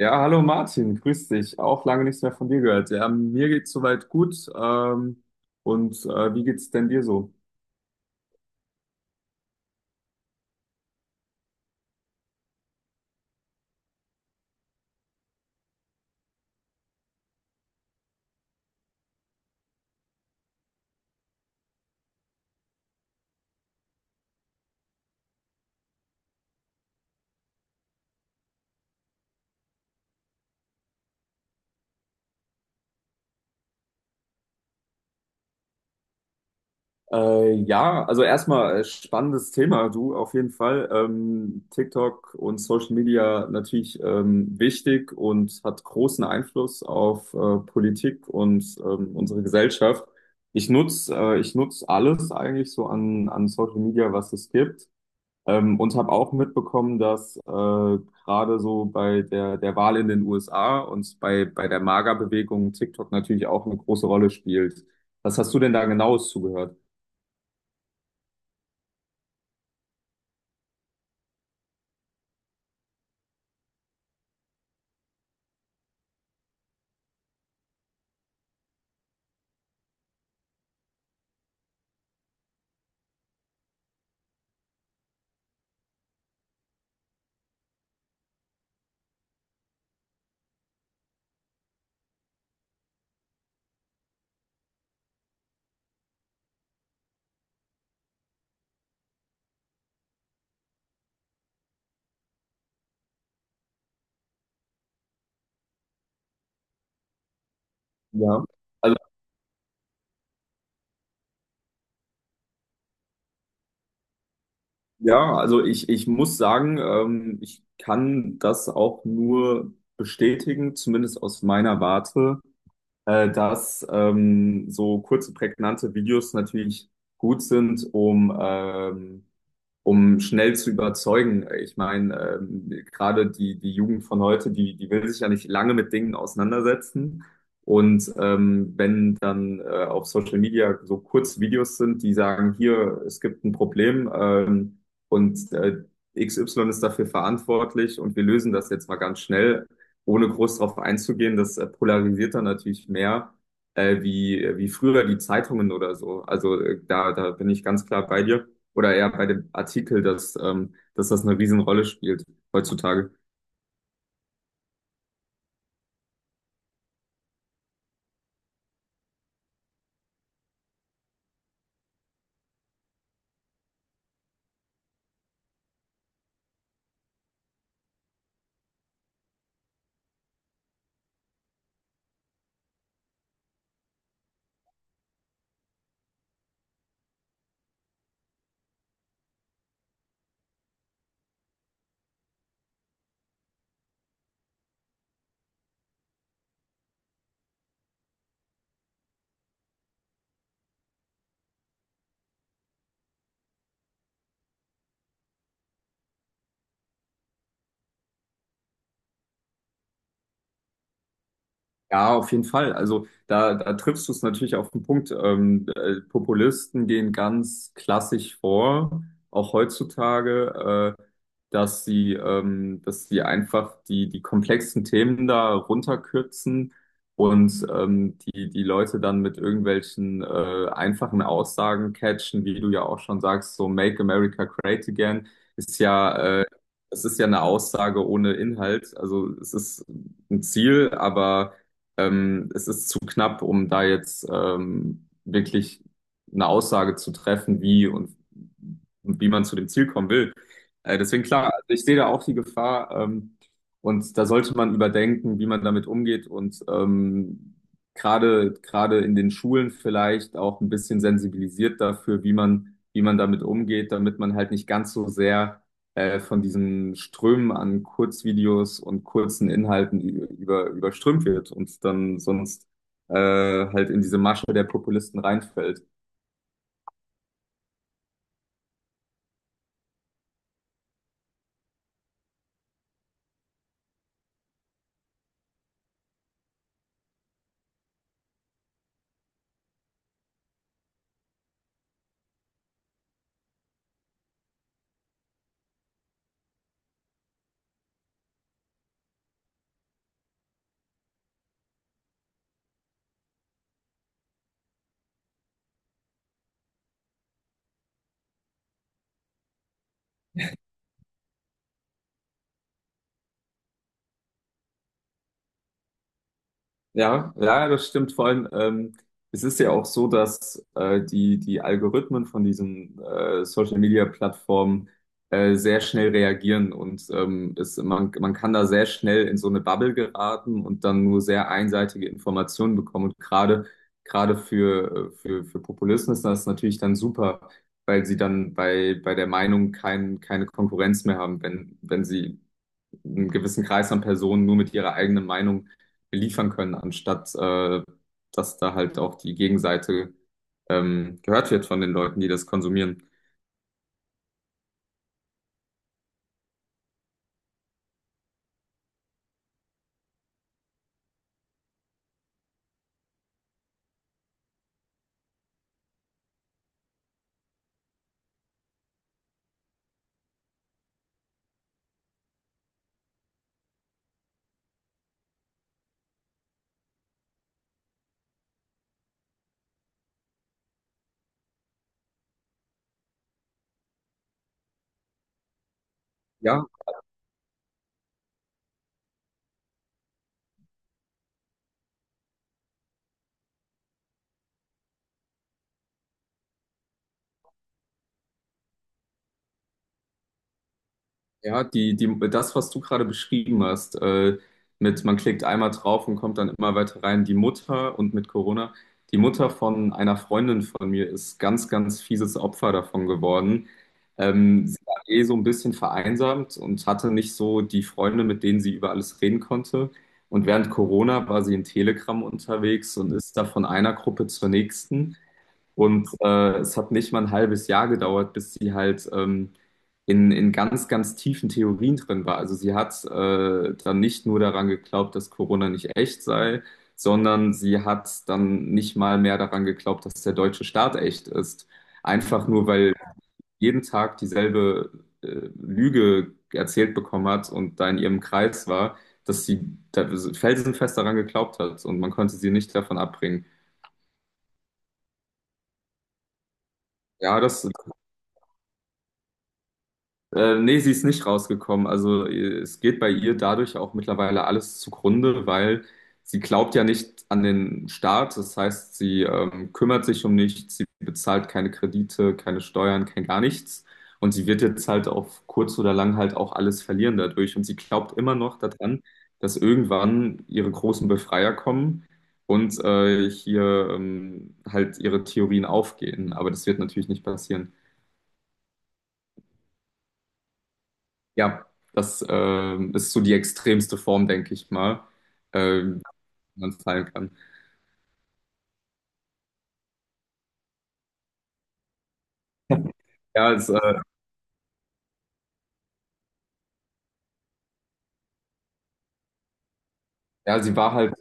Ja, hallo Martin, grüß dich. Auch lange nichts mehr von dir gehört. Ja, mir geht's soweit gut. Wie geht's denn dir so? Ja, also erstmal spannendes Thema, du auf jeden Fall. TikTok und Social Media natürlich wichtig und hat großen Einfluss auf Politik und unsere Gesellschaft. Ich nutz alles eigentlich an Social Media, was es gibt. Und habe auch mitbekommen, dass gerade so bei der Wahl in den USA und bei der MAGA-Bewegung TikTok natürlich auch eine große Rolle spielt. Was hast du denn da genaues zugehört? Ja, also, ja, also ich muss sagen, ich kann das auch nur bestätigen, zumindest aus meiner Warte, dass so kurze, prägnante Videos natürlich gut sind, um um schnell zu überzeugen. Ich meine, gerade die Jugend von heute, die will sich ja nicht lange mit Dingen auseinandersetzen. Und wenn dann auf Social Media so kurze Videos sind, die sagen, hier, es gibt ein Problem und äh, XY ist dafür verantwortlich und wir lösen das jetzt mal ganz schnell, ohne groß darauf einzugehen, das polarisiert dann natürlich mehr wie früher die Zeitungen oder so. Also da bin ich ganz klar bei dir oder eher bei dem Artikel, dass das eine Riesenrolle spielt heutzutage. Ja, auf jeden Fall. Also da triffst du es natürlich auf den Punkt. Populisten gehen ganz klassisch vor, auch heutzutage, dass sie einfach die komplexen Themen da runterkürzen und die Leute dann mit irgendwelchen einfachen Aussagen catchen, wie du ja auch schon sagst, so Make America Great Again ist ja, es ist ja eine Aussage ohne Inhalt. Also es ist ein Ziel, aber es ist zu knapp, um da jetzt wirklich eine Aussage zu treffen, wie und wie man zu dem Ziel kommen will. Deswegen klar, also ich sehe da auch die Gefahr und da sollte man überdenken, wie man damit umgeht und gerade gerade in den Schulen vielleicht auch ein bisschen sensibilisiert dafür, wie man damit umgeht, damit man halt nicht ganz so sehr von diesen Strömen an Kurzvideos und kurzen Inhalten überströmt wird und dann sonst halt in diese Masche der Populisten reinfällt. Ja, ja, das stimmt. Vor allem, es ist ja auch so, dass die Algorithmen von diesen Social-Media-Plattformen sehr schnell reagieren und man kann da sehr schnell in so eine Bubble geraten und dann nur sehr einseitige Informationen bekommen. Und gerade für Populisten ist das natürlich dann super, weil sie dann bei der Meinung keine Konkurrenz mehr haben, wenn sie einen gewissen Kreis an Personen nur mit ihrer eigenen Meinung beliefern können, anstatt dass da halt auch die Gegenseite gehört wird von den Leuten, die das konsumieren. Ja, das, was du gerade beschrieben hast, mit man klickt einmal drauf und kommt dann immer weiter rein. Die Mutter und mit Corona, die Mutter von einer Freundin von mir ist ganz, ganz fieses Opfer davon geworden. Sie war eh so ein bisschen vereinsamt und hatte nicht so die Freunde, mit denen sie über alles reden konnte. Und während Corona war sie in Telegram unterwegs und ist da von einer Gruppe zur nächsten. Und es hat nicht mal ein halbes Jahr gedauert, bis sie halt in ganz, ganz tiefen Theorien drin war. Also sie hat dann nicht nur daran geglaubt, dass Corona nicht echt sei, sondern sie hat dann nicht mal mehr daran geglaubt, dass der deutsche Staat echt ist. Einfach nur, weil jeden Tag dieselbe äh, Lüge erzählt bekommen hat und da in ihrem Kreis war, dass sie da felsenfest daran geglaubt hat und man konnte sie nicht davon abbringen. Ja, das Nee, sie ist nicht rausgekommen. Also es geht bei ihr dadurch auch mittlerweile alles zugrunde, weil sie glaubt ja nicht an den Staat. Das heißt, sie kümmert sich um nichts, sie bezahlt keine Kredite, keine Steuern, kein gar nichts. Und sie wird jetzt halt auf kurz oder lang halt auch alles verlieren dadurch. Und sie glaubt immer noch daran, dass irgendwann ihre großen Befreier kommen und hier halt ihre Theorien aufgehen. Aber das wird natürlich nicht passieren. Ja, das ist so die extremste Form, denke ich mal, die man fallen kann. Ja, es, ja, sie war halt,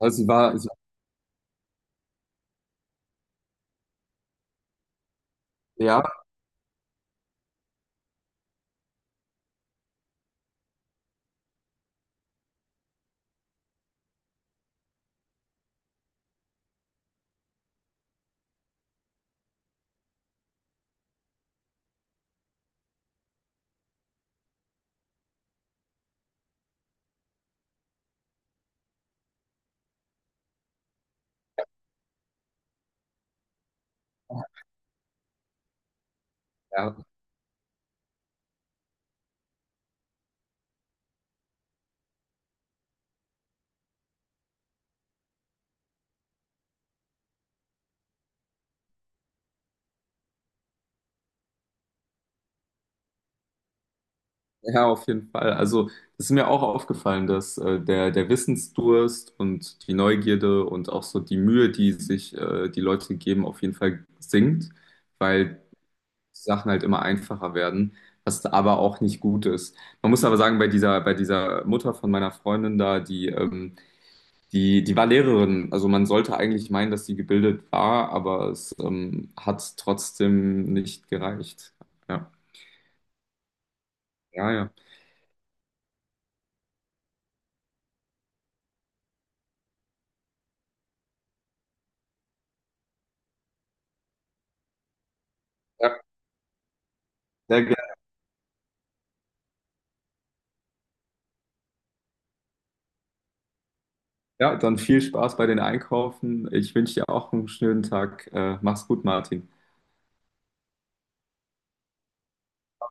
also sie war, sie, ja, ja, Ja, auf jeden Fall. Also es ist mir auch aufgefallen, dass der Wissensdurst und die Neugierde und auch so die Mühe, die sich die Leute geben, auf jeden Fall sinkt, weil Sachen halt immer einfacher werden, was aber auch nicht gut ist. Man muss aber sagen, bei dieser Mutter von meiner Freundin da, die war Lehrerin, also man sollte eigentlich meinen, dass sie gebildet war, aber es hat trotzdem nicht gereicht. Ja, ja, ja. Ja, sehr gerne. Ja, dann viel Spaß bei den Einkaufen. Ich wünsche dir auch einen schönen Tag. Mach's gut, Martin.